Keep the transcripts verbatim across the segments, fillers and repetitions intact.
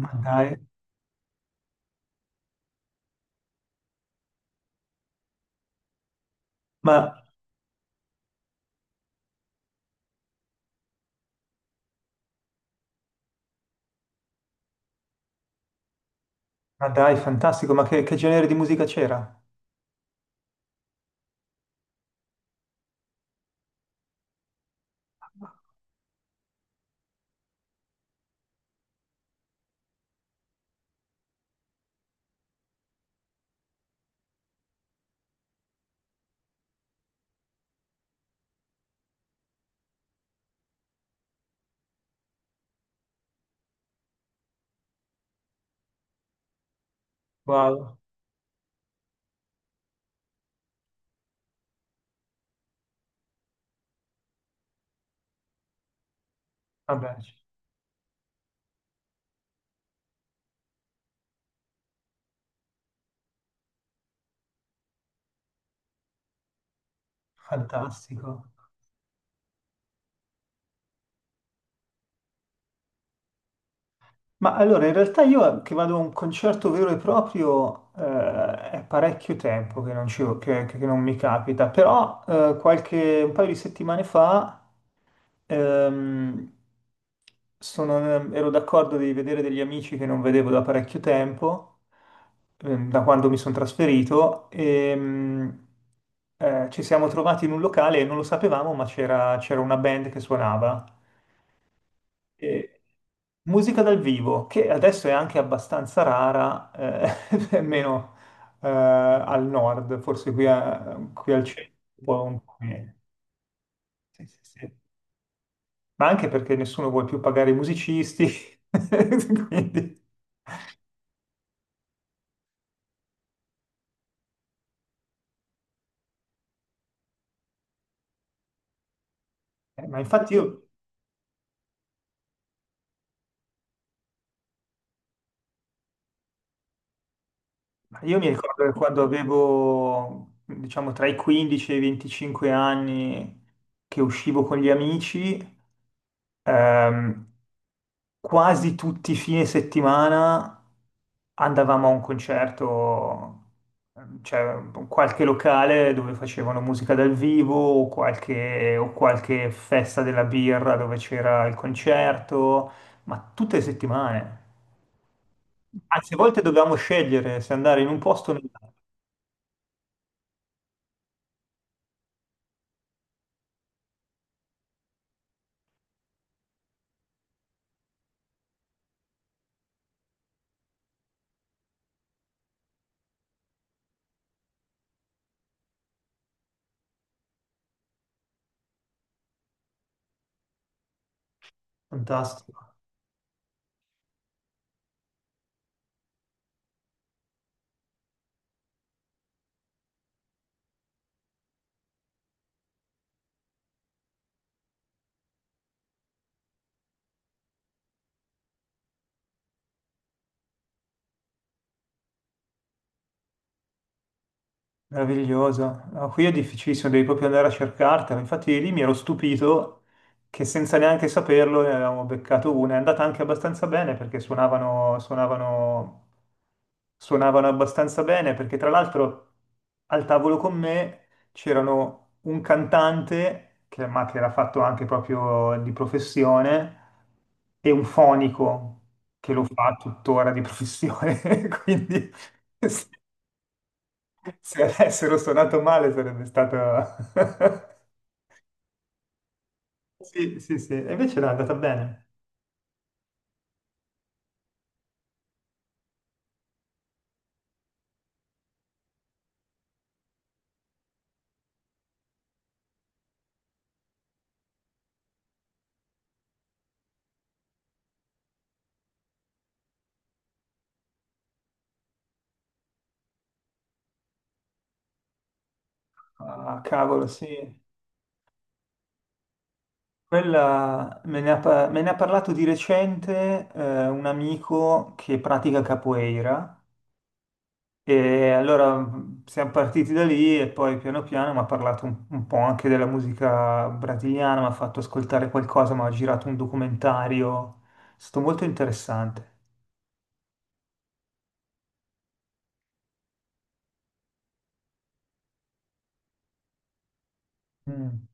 Ma dai, ma, ma dai, fantastico, ma che, che genere di musica c'era? Wow, vabbè, fantastico. Ma allora, in realtà io che vado a un concerto vero e proprio eh, è parecchio tempo che non, ci- che- che non mi capita, però eh, qualche, un paio di settimane fa Ehm, sono- ero d'accordo di vedere degli amici che non vedevo da parecchio tempo, ehm, da quando mi sono trasferito, e mh, eh, ci siamo trovati in un locale e non lo sapevamo, ma c'era c'era una band che suonava. E- Musica dal vivo, che adesso è anche abbastanza rara, eh, almeno eh, al nord, forse qui, a- qui al centro, un po' un po' meno. Sì, sì, sì. Ma anche perché nessuno vuole più pagare i musicisti. Quindi, eh, ma infatti io, ma io mi ricordo che quando avevo, diciamo, tra i quindici e i venticinque anni che uscivo con gli amici. Ehm, Quasi tutti i fine settimana andavamo a un concerto, ehm, cioè qualche locale dove facevano musica dal vivo o qualche, o qualche festa della birra dove c'era il concerto, ma tutte le settimane. Anzi, a volte dovevamo scegliere se andare in un posto o nell'altro. Fantastico. Meravigliosa. No, qui è difficilissimo, devi proprio andare a cercartela. Infatti lì mi ero stupito che senza neanche saperlo ne avevamo beccato una. È andata anche abbastanza bene perché suonavano, suonavano, suonavano abbastanza bene perché tra l'altro al tavolo con me c'erano un cantante, che, ma che era fatto anche proprio di professione, e un fonico che lo fa tuttora di professione. Quindi… Se avessero suonato male sarebbe stato… Sì, sì, sì. E invece no, è andata bene. Ah, cavolo, sì. Quella me ne ha, par- me ne ha parlato di recente eh, un amico che pratica capoeira e allora mh, siamo partiti da lì e poi piano piano mi ha parlato un, un po' anche della musica brasiliana, mi ha fatto ascoltare qualcosa, mi ha girato un documentario, è stato molto interessante. Mm.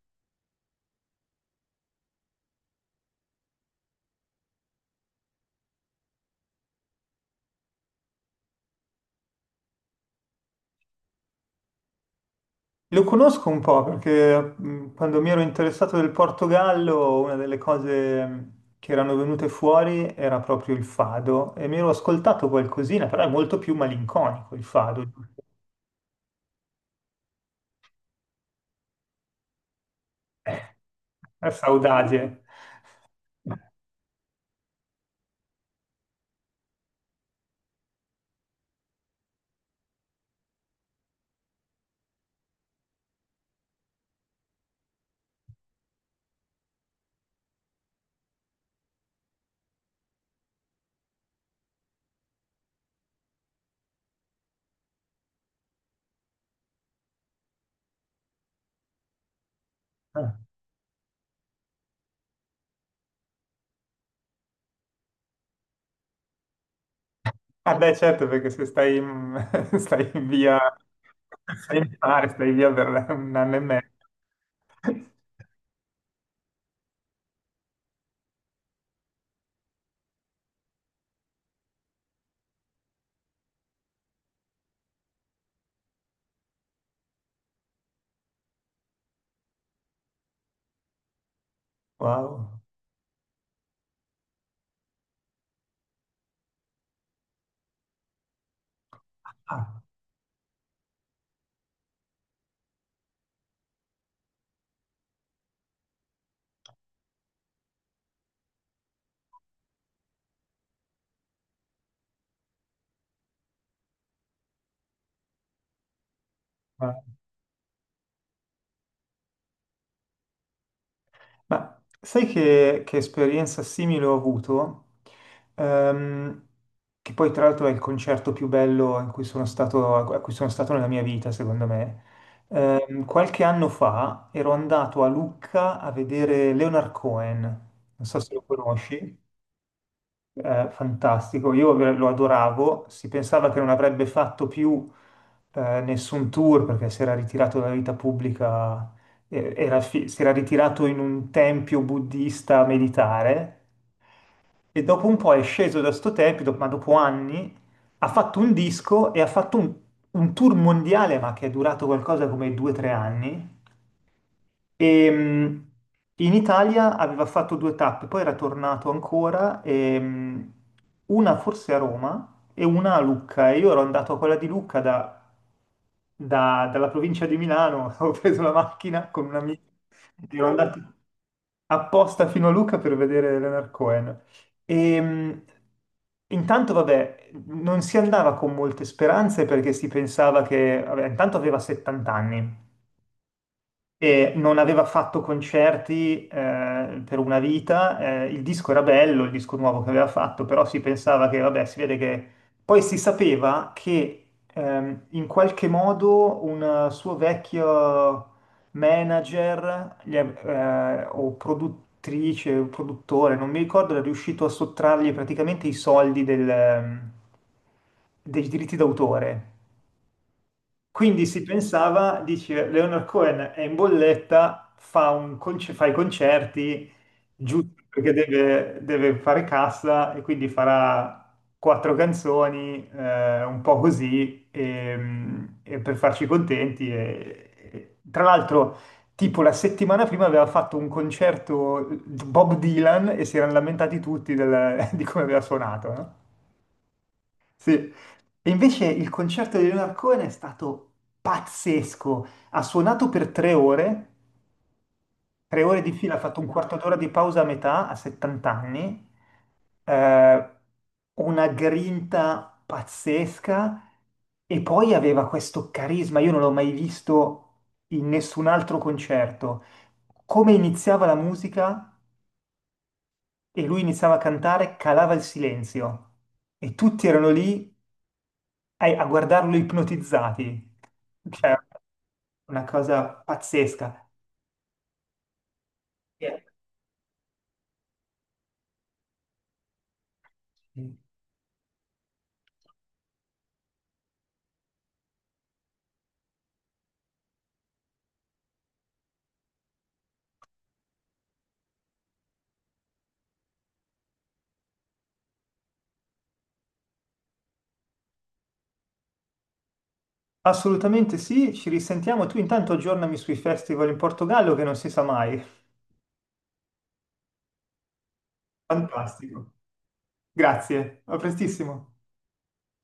Lo conosco un po' perché mh, quando mi ero interessato del Portogallo, una delle cose mh, che erano venute fuori era proprio il fado e mi ero ascoltato qualcosina, però è molto più malinconico il fado, giusto? È saudade. Ah beh, certo, perché se stai in, stai in via, stai in mare, stai via per un anno e mezzo. Wow. Ah, ah. Ma sai che, che esperienza simile ho avuto? Ehm, che poi tra l'altro è il concerto più bello in cui sono stato, a cui sono stato nella mia vita, secondo me. Ehm, qualche anno fa ero andato a Lucca a vedere Leonard Cohen, non so se lo conosci eh, fantastico. Io ver- lo adoravo. Si pensava che non avrebbe fatto più eh, nessun tour perché si era ritirato dalla vita pubblica, eh, era fi- si era ritirato in un tempio buddista a meditare. E dopo un po' è sceso da sto tempio, do- ma dopo anni ha fatto un disco e ha fatto un, un tour mondiale, ma che è durato qualcosa come due o tre anni. E, mh, in Italia aveva fatto due tappe, poi era tornato ancora, e, mh, una forse a Roma e una a Lucca. E io ero andato a quella di Lucca da- da- dalla provincia di Milano, avevo preso la macchina con un amico, e ero andato apposta fino a Lucca per vedere Leonard Cohen. E, mh, intanto, vabbè, non si andava con molte speranze perché si pensava che, vabbè, intanto aveva settanta anni e non aveva fatto concerti eh, per una vita, eh, il disco era bello, il disco nuovo che aveva fatto, però si pensava che, vabbè, si vede che… Poi si sapeva che ehm, in qualche modo un suo vecchio manager gli av- eh, o produttrice, o produttore, non mi ricordo, era riuscito a sottrargli praticamente i soldi del, ehm, dei diritti d'autore. Quindi si pensava, dici, Leonard Cohen è in bolletta, fa, un conce- fa i concerti, giusto perché deve, deve fare cassa e quindi farà quattro canzoni, eh, un po' così, ehm, e per farci contenti. E- e- tra l'altro, tipo la settimana prima aveva fatto un concerto Bob Dylan e si erano lamentati tutti del- di come aveva suonato, no? Sì. E invece il concerto di Leonard Cohen è stato pazzesco. Ha suonato per tre ore, tre ore di fila, ha fatto un quarto d'ora di pausa a metà, a settanta anni. Eh, una grinta pazzesca e poi aveva questo carisma, io non l'ho mai visto in nessun altro concerto. Come iniziava la musica e lui iniziava a cantare, calava il silenzio e tutti erano lì ai- a guardarlo ipnotizzati. Cioè, una cosa pazzesca. Eh, Assolutamente sì, ci risentiamo. Tu intanto aggiornami sui festival in Portogallo che non si sa mai. Fantastico. Grazie, a prestissimo.